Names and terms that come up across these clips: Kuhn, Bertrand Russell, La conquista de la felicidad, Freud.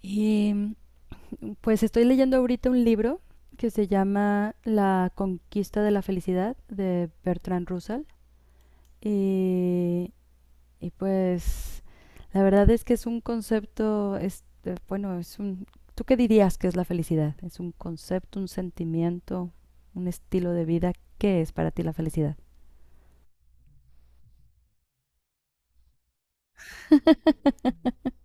Y pues estoy leyendo ahorita un libro que se llama La conquista de la felicidad de Bertrand Russell. Y, y pues la verdad es que es un concepto, es, bueno, es un... ¿Tú qué dirías que es la felicidad? ¿Es un concepto, un sentimiento, un estilo de vida? ¿Qué es para ti la felicidad?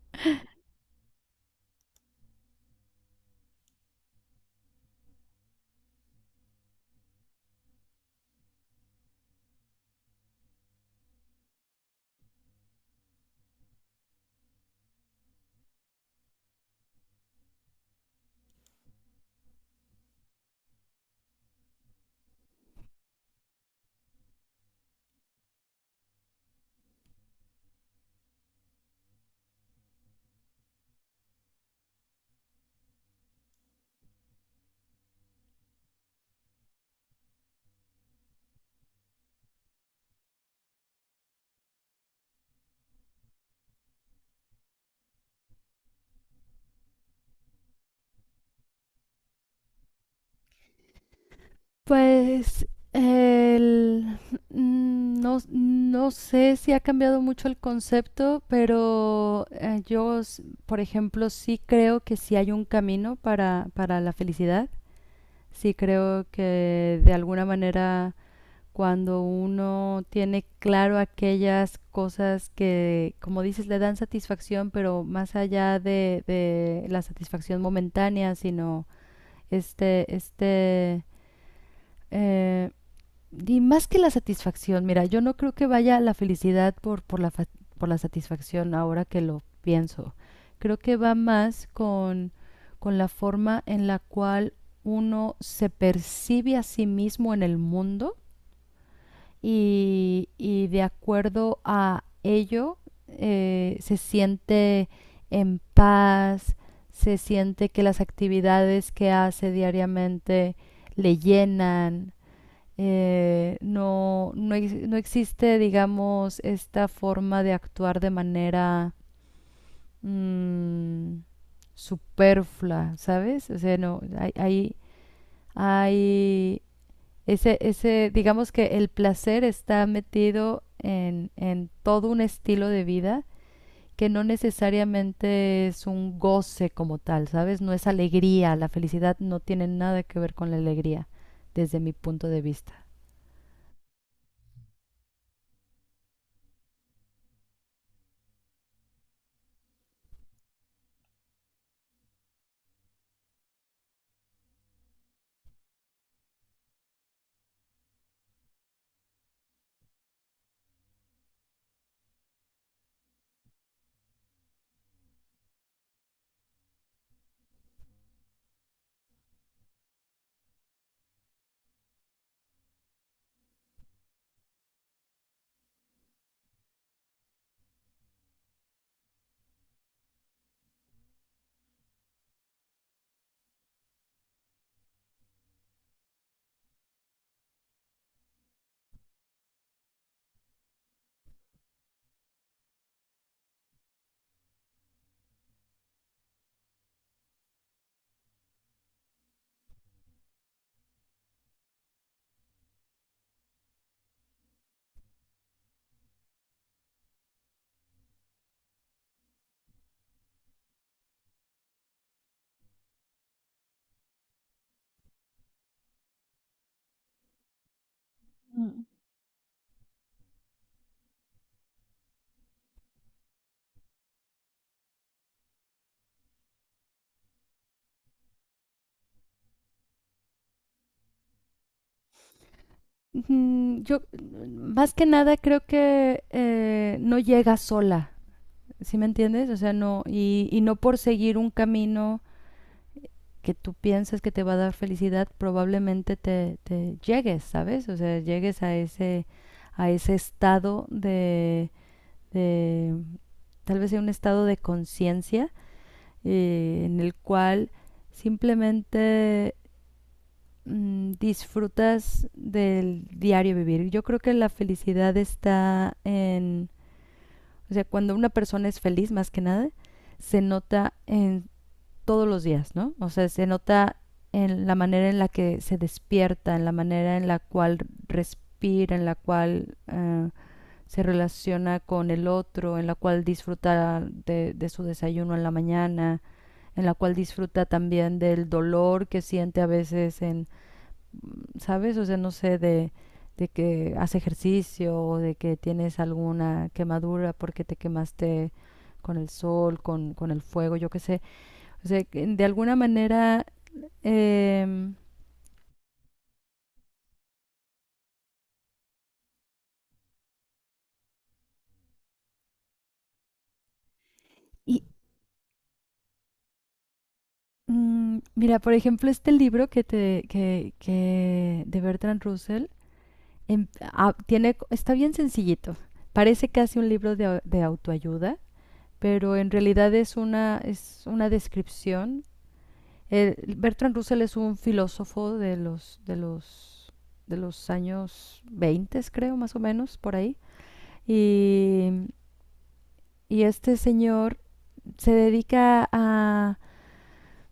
Pues el, no sé si ha cambiado mucho el concepto, pero yo, por ejemplo, sí creo que sí hay un camino para la felicidad. Sí creo que de alguna manera cuando uno tiene claro aquellas cosas que, como dices, le dan satisfacción, pero más allá de la satisfacción momentánea, sino este, este, eh, y más que la satisfacción, mira, yo no creo que vaya la felicidad por la satisfacción ahora que lo pienso. Creo que va más con la forma en la cual uno se percibe a sí mismo en el mundo y de acuerdo a ello se siente en paz, se siente que las actividades que hace diariamente le llenan, no existe, digamos, esta forma de actuar de manera mm, superflua, ¿sabes? O sea, no, hay digamos que el placer está metido en todo un estilo de vida que no necesariamente es un goce como tal, ¿sabes? No es alegría, la felicidad no tiene nada que ver con la alegría, desde mi punto de vista. Más que nada, creo que no llega sola, ¿sí me entiendes? O sea, no, y no por seguir un camino que tú piensas que te va a dar felicidad, probablemente te llegues, ¿sabes? O sea, llegues a ese estado de tal vez sea un estado de conciencia en el cual simplemente disfrutas del diario vivir. Yo creo que la felicidad está en, o sea, cuando una persona es feliz más que nada, se nota en todos los días, ¿no? O sea, se nota en la manera en la que se despierta, en la manera en la cual respira, en la cual se relaciona con el otro, en la cual disfruta de su desayuno en la mañana, en la cual disfruta también del dolor que siente a veces en ¿sabes? O sea, no sé, de que haces ejercicio o de que tienes alguna quemadura porque te quemaste con el sol, con el fuego, yo qué sé. O sea, que de alguna manera... em, y mira, por ejemplo, este libro que de Bertrand Russell tiene, está bien sencillito. Parece casi un libro de autoayuda, pero en realidad es una descripción. Bertrand Russell es un filósofo de los años 20, creo, más o menos, por ahí. Y, y este señor se dedica a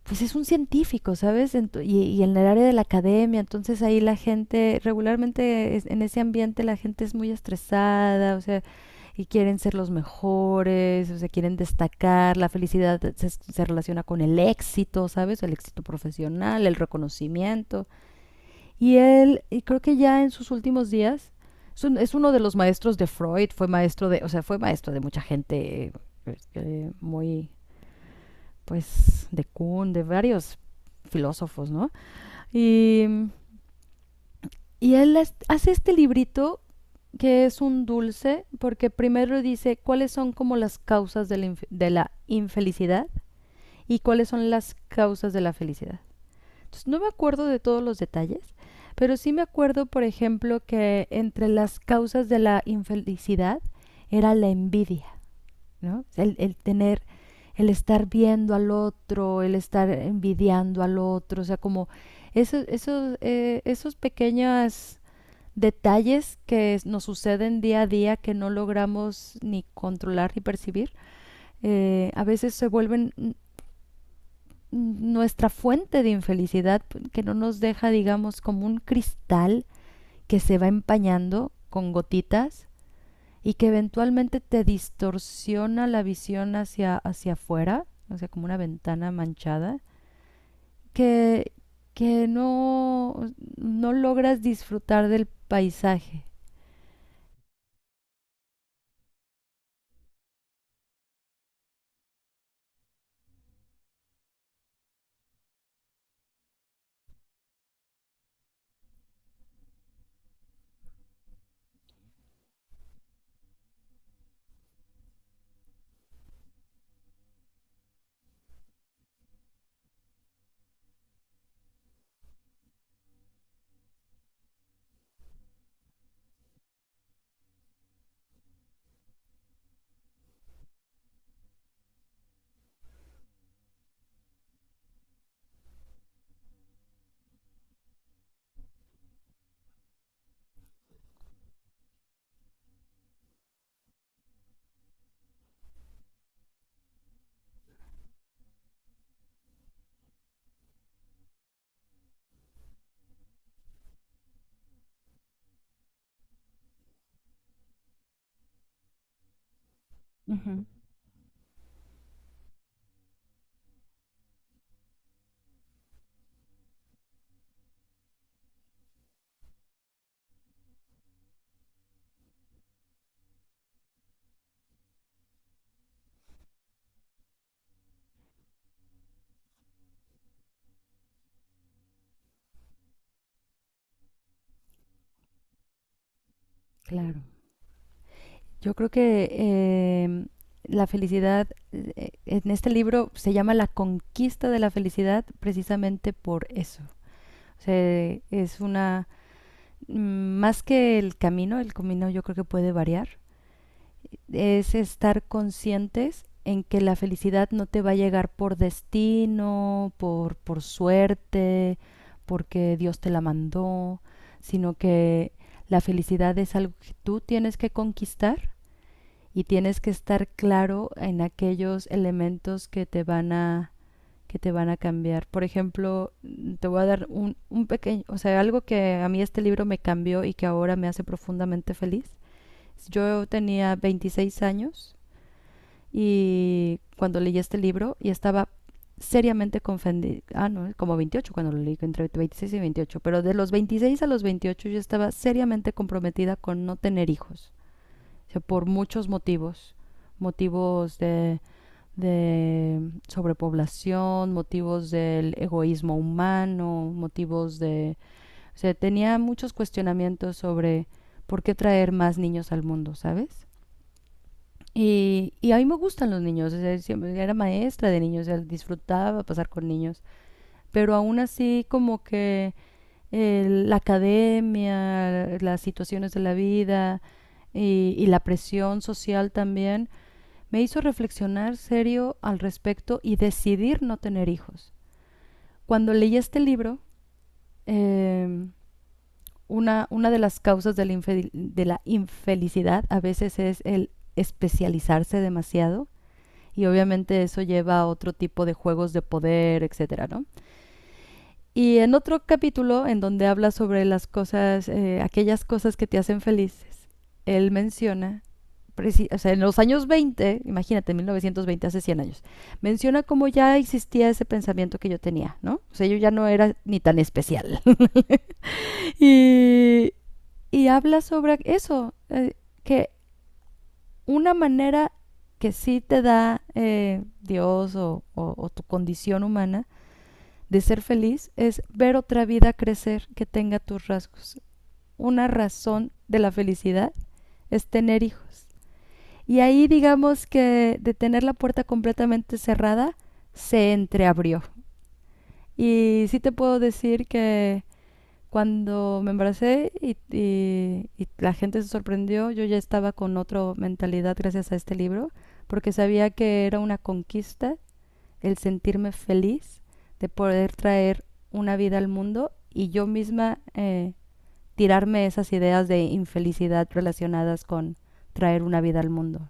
pues es un científico, ¿sabes? Y, y en el área de la academia, entonces ahí la gente, regularmente en ese ambiente la gente es muy estresada, o sea, y quieren ser los mejores, o sea, quieren destacar, se relaciona con el éxito, ¿sabes? El éxito profesional, el reconocimiento. Y creo que ya en sus últimos días, es uno de los maestros de Freud, fue maestro de, o sea, fue maestro de mucha gente, muy pues, de Kuhn, de varios filósofos, ¿no? Y, y él hace este librito que es un dulce porque primero dice cuáles son como las causas de la infelicidad y cuáles son las causas de la felicidad. Entonces, no me acuerdo de todos los detalles, pero sí me acuerdo, por ejemplo, que entre las causas de la infelicidad era la envidia. ¿No? Tener, el estar viendo al otro, el estar envidiando al otro, o sea, como esos pequeños detalles que nos suceden día a día que no logramos ni controlar ni percibir, a veces se vuelven nuestra fuente de infelicidad que no nos deja, digamos, como un cristal que se va empañando con gotitas y que eventualmente te distorsiona la visión hacia afuera, o sea, como una ventana manchada, que, que no logras disfrutar del paisaje. Ujú. Claro. Yo creo que la felicidad, en este libro se llama La conquista de la felicidad precisamente por eso. O sea, es una, mm, más que el camino yo creo que puede variar, es estar conscientes en que la felicidad no te va a llegar por destino, por suerte, porque Dios te la mandó, sino que la felicidad es algo que tú tienes que conquistar y tienes que estar claro en aquellos elementos que te van a cambiar. Por ejemplo, te voy a dar un pequeño, o sea, algo que a mí este libro me cambió y que ahora me hace profundamente feliz. Yo tenía 26 años y cuando leí este libro y estaba seriamente confundida, ah, no, como 28 cuando lo leí, entre 26 y veintiocho, pero de los 26 a los 28 yo estaba seriamente comprometida con no tener hijos, o sea, por muchos motivos, motivos de sobrepoblación, motivos del egoísmo humano, motivos de... O sea, tenía muchos cuestionamientos sobre por qué traer más niños al mundo, ¿sabes? Y a mí me gustan los niños, o sea, siempre era maestra de niños, o sea, disfrutaba pasar con niños, pero aún así como que la academia, las situaciones de la vida y la presión social también me hizo reflexionar serio al respecto y decidir no tener hijos. Cuando leí este libro, eh, una de las causas de la infelicidad a veces es el especializarse demasiado y obviamente eso lleva a otro tipo de juegos de poder, etcétera, ¿no? Y en otro capítulo en donde habla sobre las cosas, aquellas cosas que te hacen felices, él menciona, o sea, en los años 20, imagínate, 1920, hace 100 años, menciona cómo ya existía ese pensamiento que yo tenía, ¿no? O sea, yo ya no era ni tan especial. y, y habla sobre eso, que una manera que sí te da Dios o tu condición humana de ser feliz es ver otra vida crecer que tenga tus rasgos. Una razón de la felicidad es tener hijos. Y ahí digamos que de tener la puerta completamente cerrada, se entreabrió. Y sí te puedo decir que cuando me embaracé y la gente se sorprendió, yo ya estaba con otra mentalidad gracias a este libro, porque sabía que era una conquista el sentirme feliz de poder traer una vida al mundo y yo misma tirarme esas ideas de infelicidad relacionadas con traer una vida al mundo.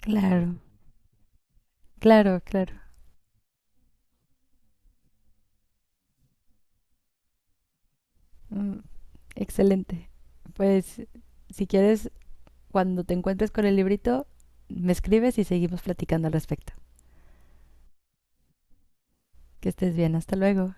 Claro, claro, claro. Mm, excelente. Pues si quieres cuando te encuentres con el librito, me escribes y seguimos platicando al respecto. Que estés bien, hasta luego.